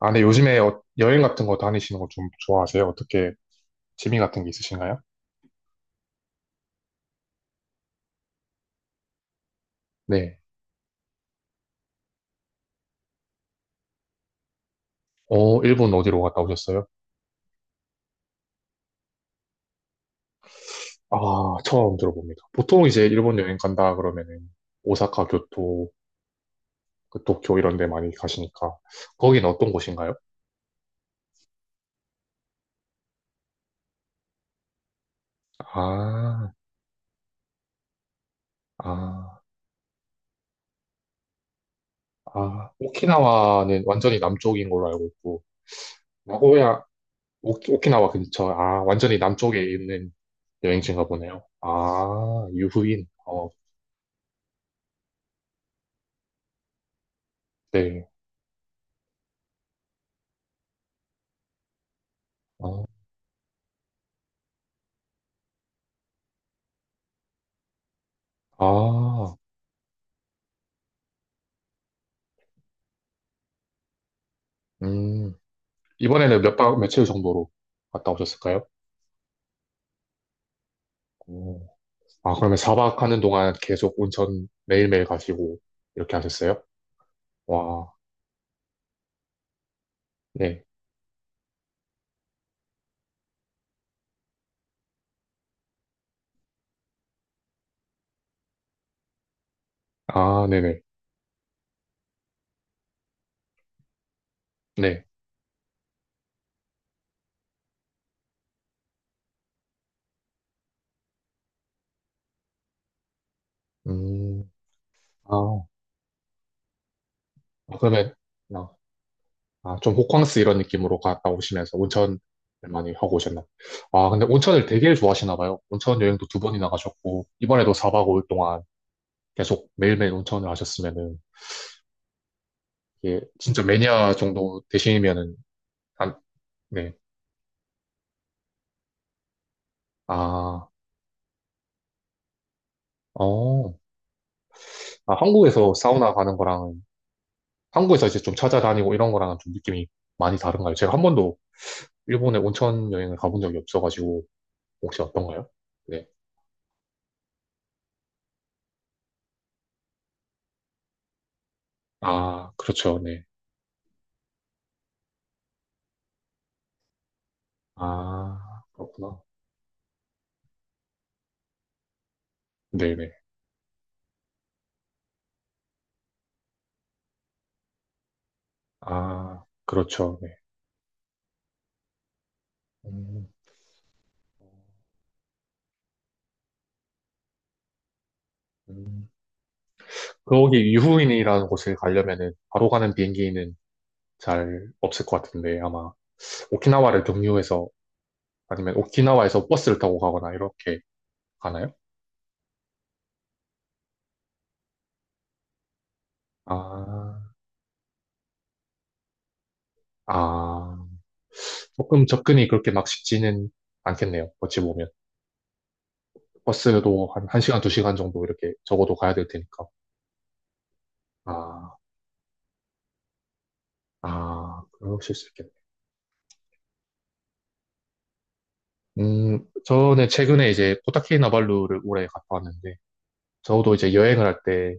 아, 네 요즘에 여행 같은 거 다니시는 거 좀 좋아하세요? 어떻게 취미 같은 게 있으신가요? 네. 일본 어디로 갔다 오셨어요? 아, 처음 들어봅니다. 보통 이제 일본 여행 간다 그러면은 오사카, 교토, 그 도쿄 이런 데 많이 가시니까 거기는 어떤 곳인가요? 아, 아, 아, 오키나와는 완전히 남쪽인 걸로 알고 있고 나고야, 오, 오키나와 근처, 아, 완전히 남쪽에 있는 여행지인가 보네요. 아, 유후인. 네. 어, 아, 음, 이번에는 몇 박, 며칠 정도로 갔다 오셨을까요? 오. 아, 그러면 4박 하는 동안 계속 온천 매일매일 가시고 이렇게 하셨어요? 와, 네. 아, 네네. 네. 음, 아, 아, 그러면, 아, 아, 좀 호캉스 이런 느낌으로 갔다 오시면서 온천을 많이 하고 오셨나? 아, 근데 온천을 되게 좋아하시나 봐요. 온천 여행도 두 번이나 가셨고, 이번에도 4박 5일 동안 계속 매일매일 온천을 하셨으면은, 이게 진짜 매니아 정도 되시면은, 안, 네. 아, 어, 아, 한국에서 사우나 가는 거랑, 한국에서 이제 좀 찾아다니고 이런 거랑은 좀 느낌이 많이 다른가요? 제가 한 번도 일본에 온천 여행을 가본 적이 없어가지고, 혹시 어떤가요? 네. 아, 그렇죠. 네. 아, 그렇구나. 네네. 아, 그렇죠. 네. 음, 음. 그 거기 유후인이라는 곳을 가려면은 바로 가는 비행기는 잘 없을 것 같은데, 아마 오키나와를 경유해서, 아니면 오키나와에서 버스를 타고 가거나 이렇게 가나요? 아, 아. 조금 접근이 그렇게 막 쉽지는 않겠네요. 어찌 보면. 버스도 한 1시간, 2시간 정도 이렇게 적어도 가야 될 테니까. 아, 아, 그러실 수 있겠네. 저는 최근에 이제 코타키나발루를 올해 갔다 왔는데, 저도 이제 여행을 할 때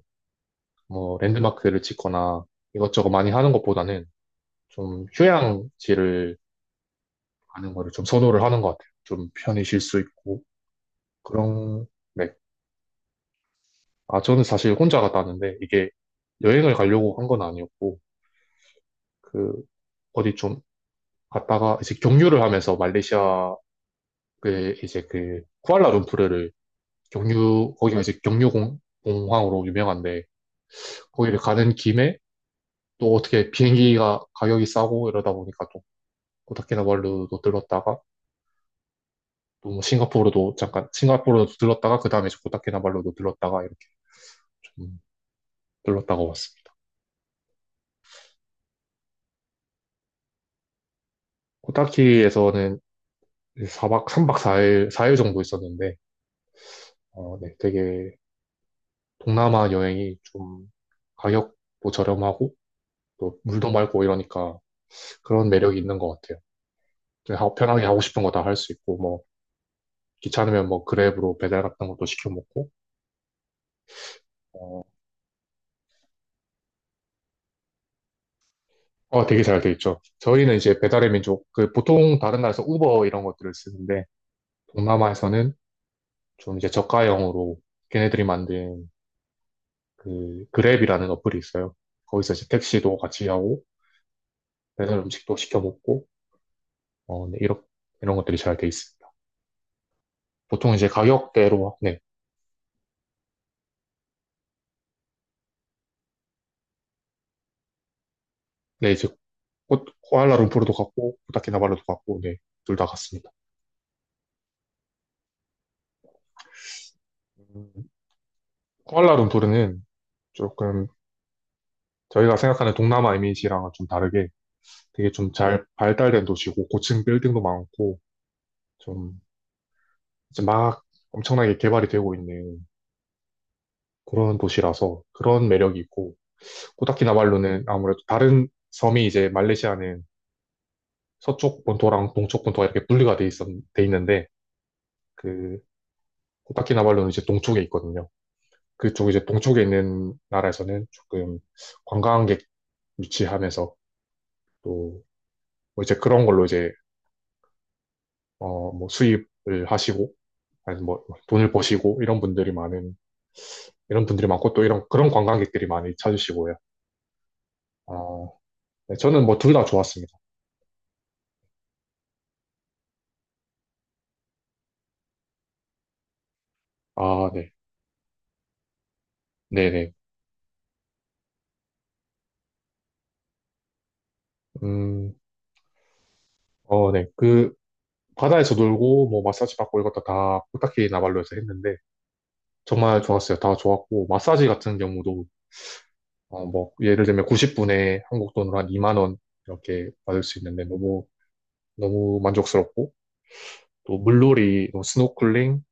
뭐 랜드마크를 찍거나 이것저것 많이 하는 것보다는 좀 휴양지를 가는 거를 좀 선호를 하는 것 같아요. 좀 편히 쉴 수 있고, 그런, 네. 아, 저는 사실 혼자 갔다 왔는데, 이게 여행을 가려고 한 건 아니었고, 그 어디 좀 갔다가 이제 경유를 하면서 말레이시아의 이제 그 쿠알라룸푸르를 경유 거기가 이제 경유공 공항으로 유명한데 거기를 가는 김에 또 어떻게 비행기가 가격이 싸고 이러다 보니까 또 고타키나발루도 들렀다가 또 뭐 싱가포르도 잠깐 싱가포르도 들렀다가 그 다음에 고타키나발루도 들렀다가 이렇게 좀 들렀다가 왔습니다. 코타키에서는 4박 3박 4일 사일 4일 정도 있었는데 네, 되게 동남아 여행이 좀 가격도 저렴하고 또 물도 맑고 이러니까 그런 매력이 있는 것 같아요. 그냥 편하게 하고 싶은 거 다 할 수 있고 뭐 귀찮으면 뭐 그랩으로 배달 같은 것도 시켜 먹고 되게 잘 돼 있죠. 저희는 이제 배달의 민족 그 보통 다른 나라에서 우버 이런 것들을 쓰는데 동남아에서는 좀 이제 저가형으로 걔네들이 만든 그 그랩이라는 어플이 있어요. 거기서 이제 택시도 같이 하고 배달 음식도 시켜 먹고 네, 이런 것들이 잘 돼 있습니다. 보통 이제 가격대로, 네, 네, 이제 코알라 룸푸르도 갔고, 코타키나발루도 갔고, 네, 둘 다 갔습니다. 음, 코알라 룸푸르는 조금 저희가 생각하는 동남아 이미지랑은 좀 다르게 되게 좀 잘 발달된 도시고, 고층 빌딩도 많고, 좀 이제 막 엄청나게 개발이 되고 있는 그런 도시라서 그런 매력이 있고, 코타키나발루는 아무래도 다른 섬이 이제 말레이시아는 서쪽 본토랑 동쪽 본토가 이렇게 분리가 돼 있는데, 그 코타키나발루는 이제 동쪽에 있거든요. 그쪽 이제 동쪽에 있는 나라에서는 조금 관광객 유치하면서 또 뭐 이제 그런 걸로 이제 뭐 수입을 하시고 아니 뭐 돈을 버시고 이런 분들이 많고 또 이런 그런 관광객들이 많이 찾으시고요. 아, 네, 저는 뭐 둘 다 좋았습니다. 아, 네. 네네. 음, 네. 그 바다에서 놀고 뭐 마사지 받고 이것도 다 코타키나발루에서 했는데 정말 좋았어요. 다 좋았고 마사지 같은 경우도 뭐, 예를 들면 90분에 한국 돈으로 한 2만 원 이렇게 받을 수 있는데 너무, 너무 만족스럽고, 또 물놀이, 또 스노클링,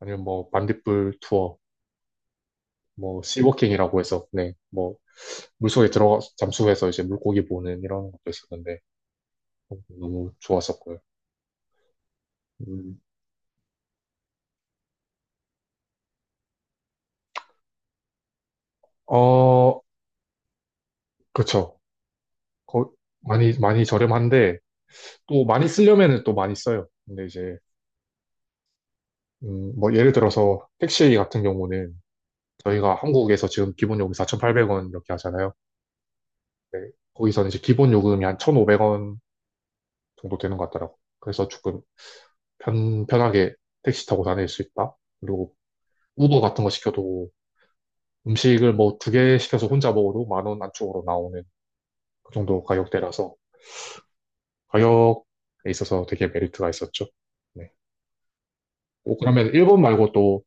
아니면 뭐, 반딧불 투어, 뭐, 씨워킹이라고 해서, 네, 뭐, 물속에 들어가, 잠수해서 이제 물고기 보는 이런 것도 있었는데, 너무 좋았었고요. 음, 어, 그쵸. 거, 많이, 많이 저렴한데, 또 많이 쓰려면은 또 많이 써요. 근데 이제, 뭐, 예를 들어서 택시 같은 경우는 저희가 한국에서 지금 기본 요금 4,800원 이렇게 하잖아요. 네, 거기서는 이제 기본 요금이 한 1,500원 정도 되는 것 같더라고요. 그래서 조금 편하게 택시 타고 다닐 수 있다. 그리고 우버 같은 거 시켜도 음식을 뭐 두 개 시켜서 혼자 먹어도 만 원 안쪽으로 나오는 그 정도 가격대라서 가격에 있어서 되게 메리트가 있었죠. 네. 오, 그러면 일본 말고 또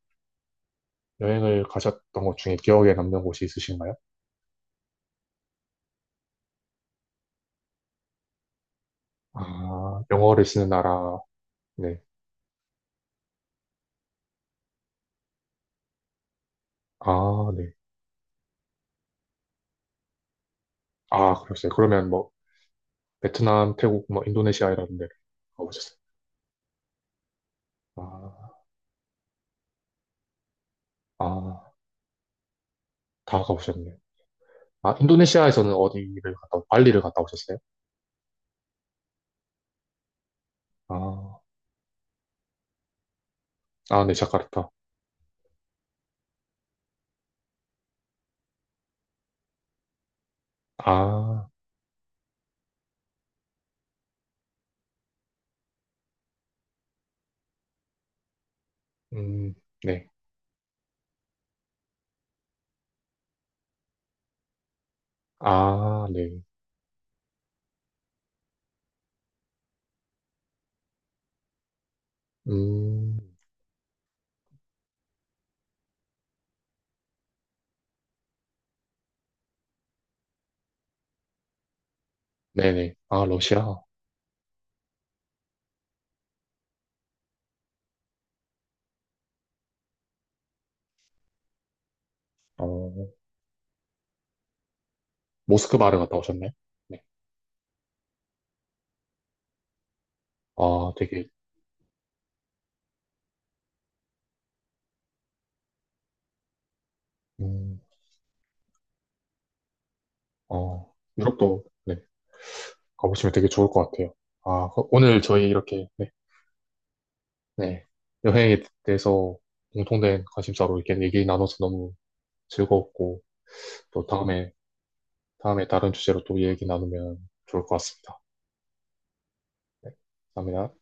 여행을 가셨던 것 중에 기억에 남는 곳이 있으신가요? 아, 영어를 쓰는 나라. 네. 아, 네. 아, 그러세요. 그러면 뭐 베트남, 태국, 뭐 인도네시아 이런 데를 가보셨어요. 아, 아, 다 가보셨네요. 아, 인도네시아에서는 어디를 갔다, 발리를 갔다 오셨어요? 아, 아, 네, 자카르타. 아, 음, 네. 아, 네. 음, 네네. 아, 러시아. 어, 모스크바를 갔다 오셨네. 네. 아, 되게, 음, 유럽도, 네, 가보시면 되게 좋을 것 같아요. 아, 오늘 저희 이렇게, 네, 네. 여행에 대해서 공통된 관심사로 이렇게 얘기 나눠서 너무 즐거웠고, 또 다음에 다른 주제로 또 얘기 나누면 좋을 것 같습니다. 네, 감사합니다.